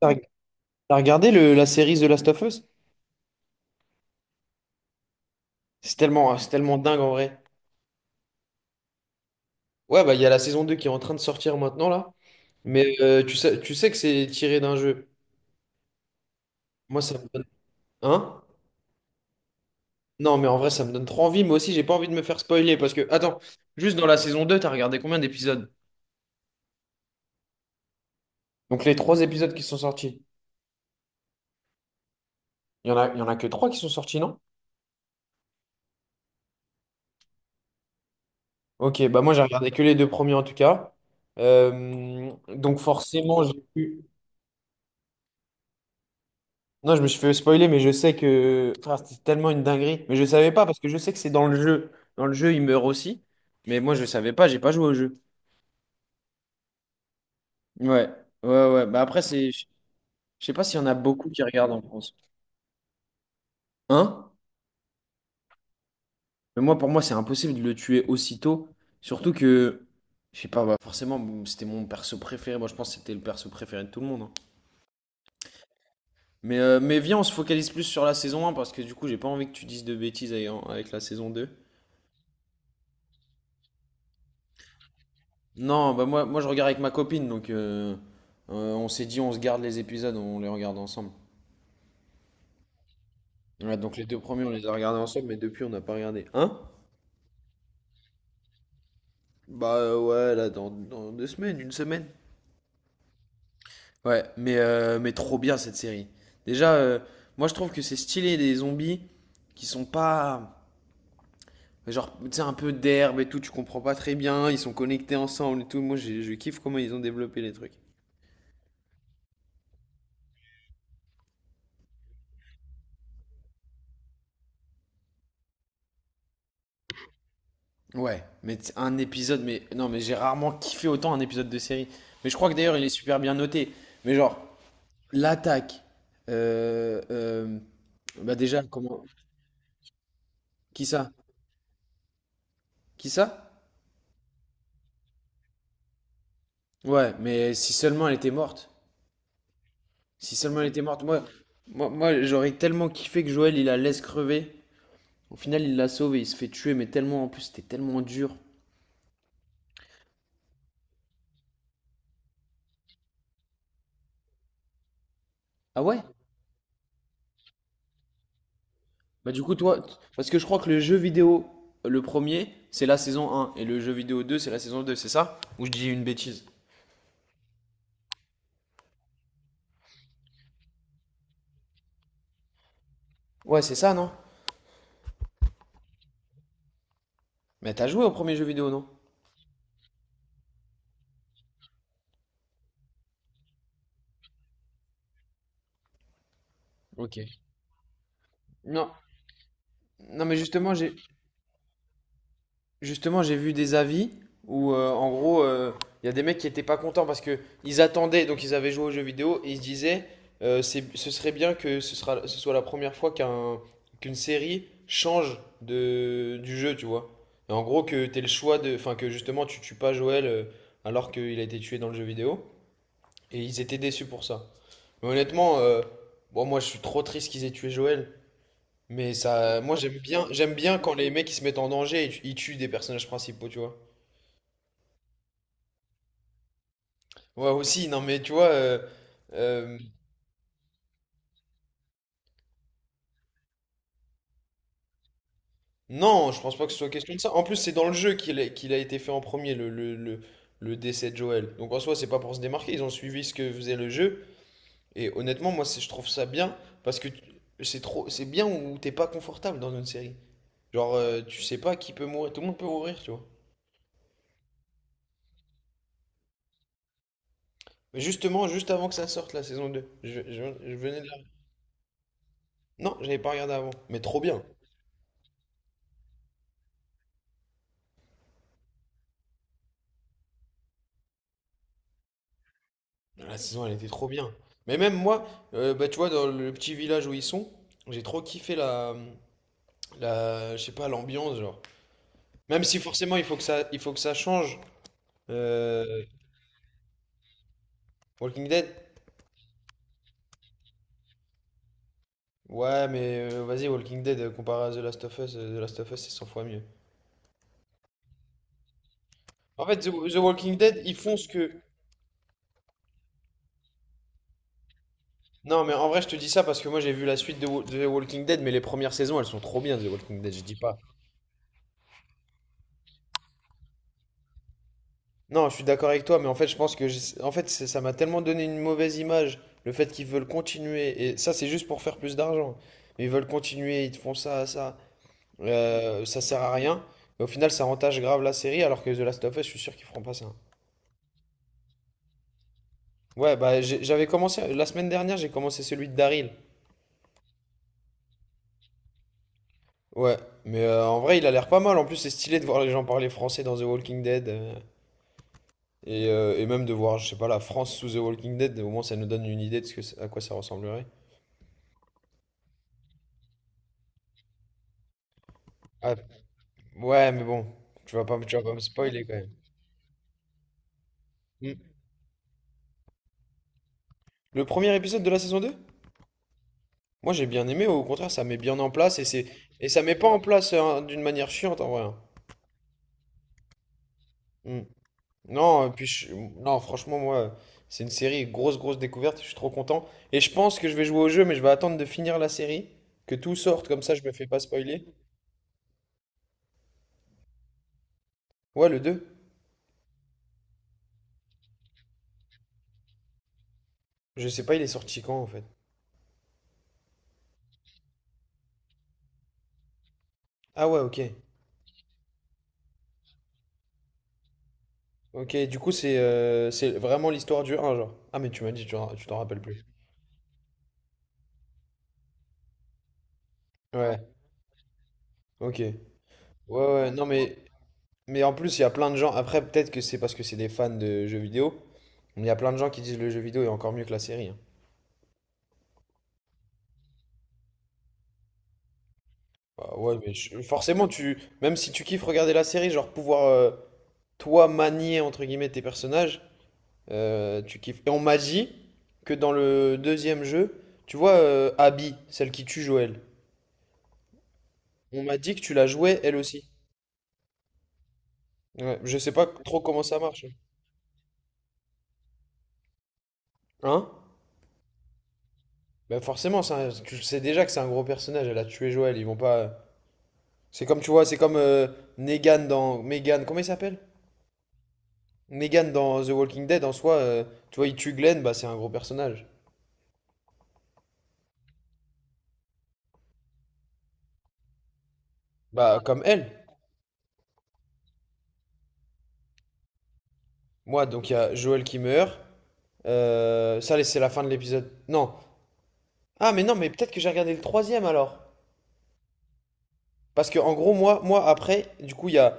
T'as t'as regardé la série The Last of Us? C'est tellement dingue en vrai. Ouais, bah il y a la saison 2 qui est en train de sortir maintenant là. Mais tu sais que c'est tiré d'un jeu. Moi, ça me donne. Hein? Non, mais en vrai, ça me donne trop envie. Moi aussi, j'ai pas envie de me faire spoiler parce que, attends, juste dans la saison 2, t'as regardé combien d'épisodes? Donc les trois épisodes qui sont sortis. Il y en a que trois qui sont sortis, non? Ok, bah moi, j'ai regardé que les deux premiers en tout cas. Donc forcément, j'ai vu. Non, je me suis fait spoiler, mais je sais que Frère, c'était tellement une dinguerie. Mais je savais pas parce que je sais que c'est dans le jeu. Dans le jeu, il meurt aussi. Mais moi, je savais pas, j'ai pas joué au jeu. Ouais, ouais, ouais. Bah après, c'est, je sais pas s'il y en a beaucoup qui regardent en France. Hein? Mais moi, pour moi, c'est impossible de le tuer aussitôt. Surtout que, je sais pas, bah forcément, bon, c'était mon perso préféré. Moi, je pense que c'était le perso préféré de tout le monde, hein. Mais viens, on se focalise plus sur la saison un parce que du coup, j'ai pas envie que tu dises de bêtises avec la saison 2. Non, bah moi je regarde avec ma copine, donc on s'est dit on se garde les épisodes, on les regarde ensemble. Ouais, donc les deux premiers on les a regardés ensemble, mais depuis on n'a pas regardé. Hein? Bah ouais, là dans 2 semaines, une semaine. Ouais, mais trop bien cette série. Déjà, moi je trouve que c'est stylé des zombies qui sont pas. Genre, tu sais, un peu d'herbe et tout, tu comprends pas très bien, ils sont connectés ensemble et tout. Moi, je kiffe comment ils ont développé les trucs. Ouais, mais un épisode, mais non, mais j'ai rarement kiffé autant un épisode de série. Mais je crois que d'ailleurs il est super bien noté. Mais genre, l'attaque, euh, euh, bah déjà, comment, qui ça? Qui ça? Ouais, mais si seulement elle était morte. Si seulement elle était morte, moi j'aurais tellement kiffé que Joël il la laisse crever. Au final, il la sauve et il se fait tuer, mais tellement en plus, c'était tellement dur. Ah ouais? Bah du coup toi, parce que je crois que le jeu vidéo, le premier, c'est la saison un et le jeu vidéo 2 c'est la saison deux, c'est ça? Ou je dis une bêtise? Ouais, c'est ça, non? Mais t'as joué au premier jeu vidéo, non? Ok. Non. Non, mais Justement, j'ai vu des avis où, en gros, il y a des mecs qui étaient pas contents parce que ils attendaient, donc ils avaient joué aux jeux vidéo et ils se disaient, c'est, ce serait bien que ce soit la première fois qu'une série change du jeu, tu vois. Et en gros, que t'aies le choix de, enfin, que justement tu tues pas Joël, alors qu'il a été tué dans le jeu vidéo. Et ils étaient déçus pour ça. Mais honnêtement, bon, moi je suis trop triste qu'ils aient tué Joël. Mais ça, moi j'aime bien quand les mecs ils se mettent en danger et ils tuent des personnages principaux, tu vois. Ouais, aussi, non, mais tu vois, euh, non, je pense pas que ce soit question de ça. En plus, c'est dans le jeu qu'il a été fait en premier, le décès de Joël. Donc en soi, c'est pas pour se démarquer, ils ont suivi ce que faisait le jeu. Et honnêtement, moi, je trouve ça bien, parce que c'est bien où t'es pas confortable dans une série. Genre, tu sais pas qui peut mourir, tout le monde peut mourir, tu vois. Mais justement, juste avant que ça sorte, la saison deux, je venais de la. Non, j'avais pas regardé avant, mais trop bien. La saison, elle était trop bien. Mais même moi, bah, tu vois, dans le petit village où ils sont, j'ai trop kiffé je sais pas, l'ambiance, genre. Même si forcément, il faut que ça change. Euh, Walking Dead? Ouais, mais vas-y, Walking Dead, comparé à The Last of Us, The Last of Us, c'est 100 fois mieux. En fait, The Walking Dead, ils font ce que. Non, mais en vrai, je te dis ça parce que moi, j'ai vu la suite de The Walking Dead, mais les premières saisons, elles sont trop bien, The Walking Dead, je dis pas. Non, je suis d'accord avec toi, mais en fait, je pense que j'ai- en fait, ça m'a tellement donné une mauvaise image, le fait qu'ils veulent continuer, et ça, c'est juste pour faire plus d'argent. Mais ils veulent continuer, ils te font ça sert à rien. Mais au final, ça entache grave la série, alors que The Last of Us, je suis sûr qu'ils feront pas ça. Ouais, bah, j'avais commencé, la semaine dernière, j'ai commencé celui de Daryl. Ouais, mais en vrai, il a l'air pas mal. En plus, c'est stylé de voir les gens parler français dans The Walking Dead, et même de voir, je sais pas, la France sous The Walking Dead, au moins, ça nous donne une idée de ce que, à quoi ça ressemblerait. Ouais, mais bon, tu vas pas me spoiler quand même. Mm. Le premier épisode de la saison deux. Moi j'ai bien aimé, au contraire, ça met bien en place et ça met pas en place, hein, d'une manière chiante en vrai, hein. Mm. Non, et puis non, franchement moi, c'est une série grosse grosse découverte, je suis trop content et je pense que je vais jouer au jeu mais je vais attendre de finir la série, que tout sorte comme ça je me fais pas spoiler. Ouais, le deux. Je sais pas, il est sorti quand en fait. Ah ouais, OK. OK, du coup c'est vraiment l'histoire du un genre. Ah mais tu m'as dit tu t'en rappelles plus. Ouais. Ok. Ouais, ouais, non, mais en plus, il y a plein de gens. Après, peut-être que c'est parce que c'est des fans de jeux vidéo, mais il y a plein de gens qui disent le jeu vidéo est encore mieux que la série, hein. Bah ouais, mais forcément, même si tu kiffes regarder la série, genre pouvoir, toi, manier, entre guillemets, tes personnages, tu kiffes. Et on m'a dit que dans le deuxième jeu, tu vois, Abby, celle qui tue Joël, on m'a dit que tu la jouais elle aussi. Ouais, je sais pas trop comment ça marche. Hein? Hein? Bah forcément, ça, tu le sais déjà que c'est un gros personnage, elle a tué Joël, ils vont pas. C'est comme, tu vois, c'est comme Negan dans. Megan, comment il s'appelle? Negan dans The Walking Dead, en soi, tu vois, il tue Glenn, bah c'est un gros personnage. Bah, comme elle. Moi, donc il y a Joel qui meurt. Ça, c'est la fin de l'épisode. Non. Ah, mais non, mais peut-être que j'ai regardé le troisième alors. Parce que, en gros, moi après, du coup, il y a.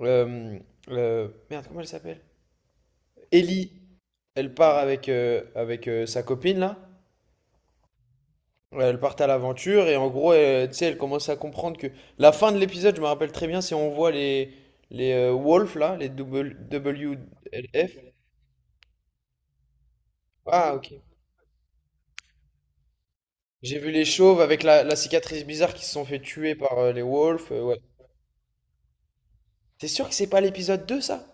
euh, Merde, comment elle s'appelle? Ellie, elle part avec sa copine là. Ouais, elles partent à l'aventure et en gros, elles, tu sais, elles commencent à comprendre que la fin de l'épisode, je me rappelle très bien, c'est on voit les wolves là, WLF. Ah ok. J'ai vu les chauves avec la cicatrice bizarre qui se sont fait tuer par les wolves. Ouais. T'es sûr que c'est pas l'épisode 2 ça?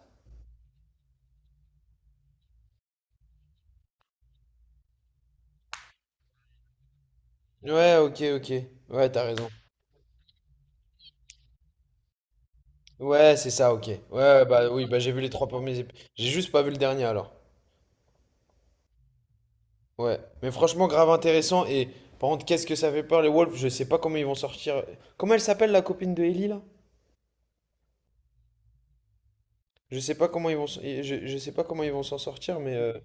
Ouais, ok, ok. Ouais, t'as raison. Ouais, c'est ça, ok. Ouais, bah oui, bah j'ai vu les trois premiers épisodes. J'ai juste pas vu le dernier alors. Ouais. Mais franchement, grave intéressant. Et par contre, qu'est-ce que ça fait peur les wolves? Je sais pas comment ils vont sortir. Comment elle s'appelle la copine de Ellie là? Je sais pas comment ils vont, je sais pas comment ils vont s'en sortir, mais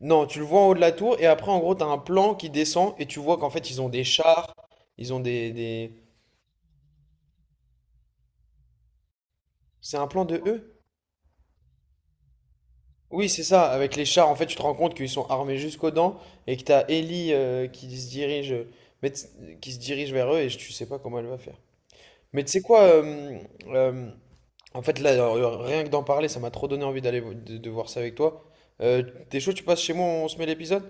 non, tu le vois en haut de la tour et après en gros t'as un plan qui descend et tu vois qu'en fait ils ont des chars, ils ont des- c'est un plan de eux? Oui, c'est ça. Avec les chars, en fait, tu te rends compte qu'ils sont armés jusqu'aux dents et que t'as Ellie, qui se dirige, qui se dirige vers eux et tu sais pas comment elle va faire. Mais tu sais quoi, euh, en fait, là, rien que d'en parler, ça m'a trop donné envie d'aller de voir ça avec toi. Euh, T'es chaud, tu passes chez moi, on se met l'épisode?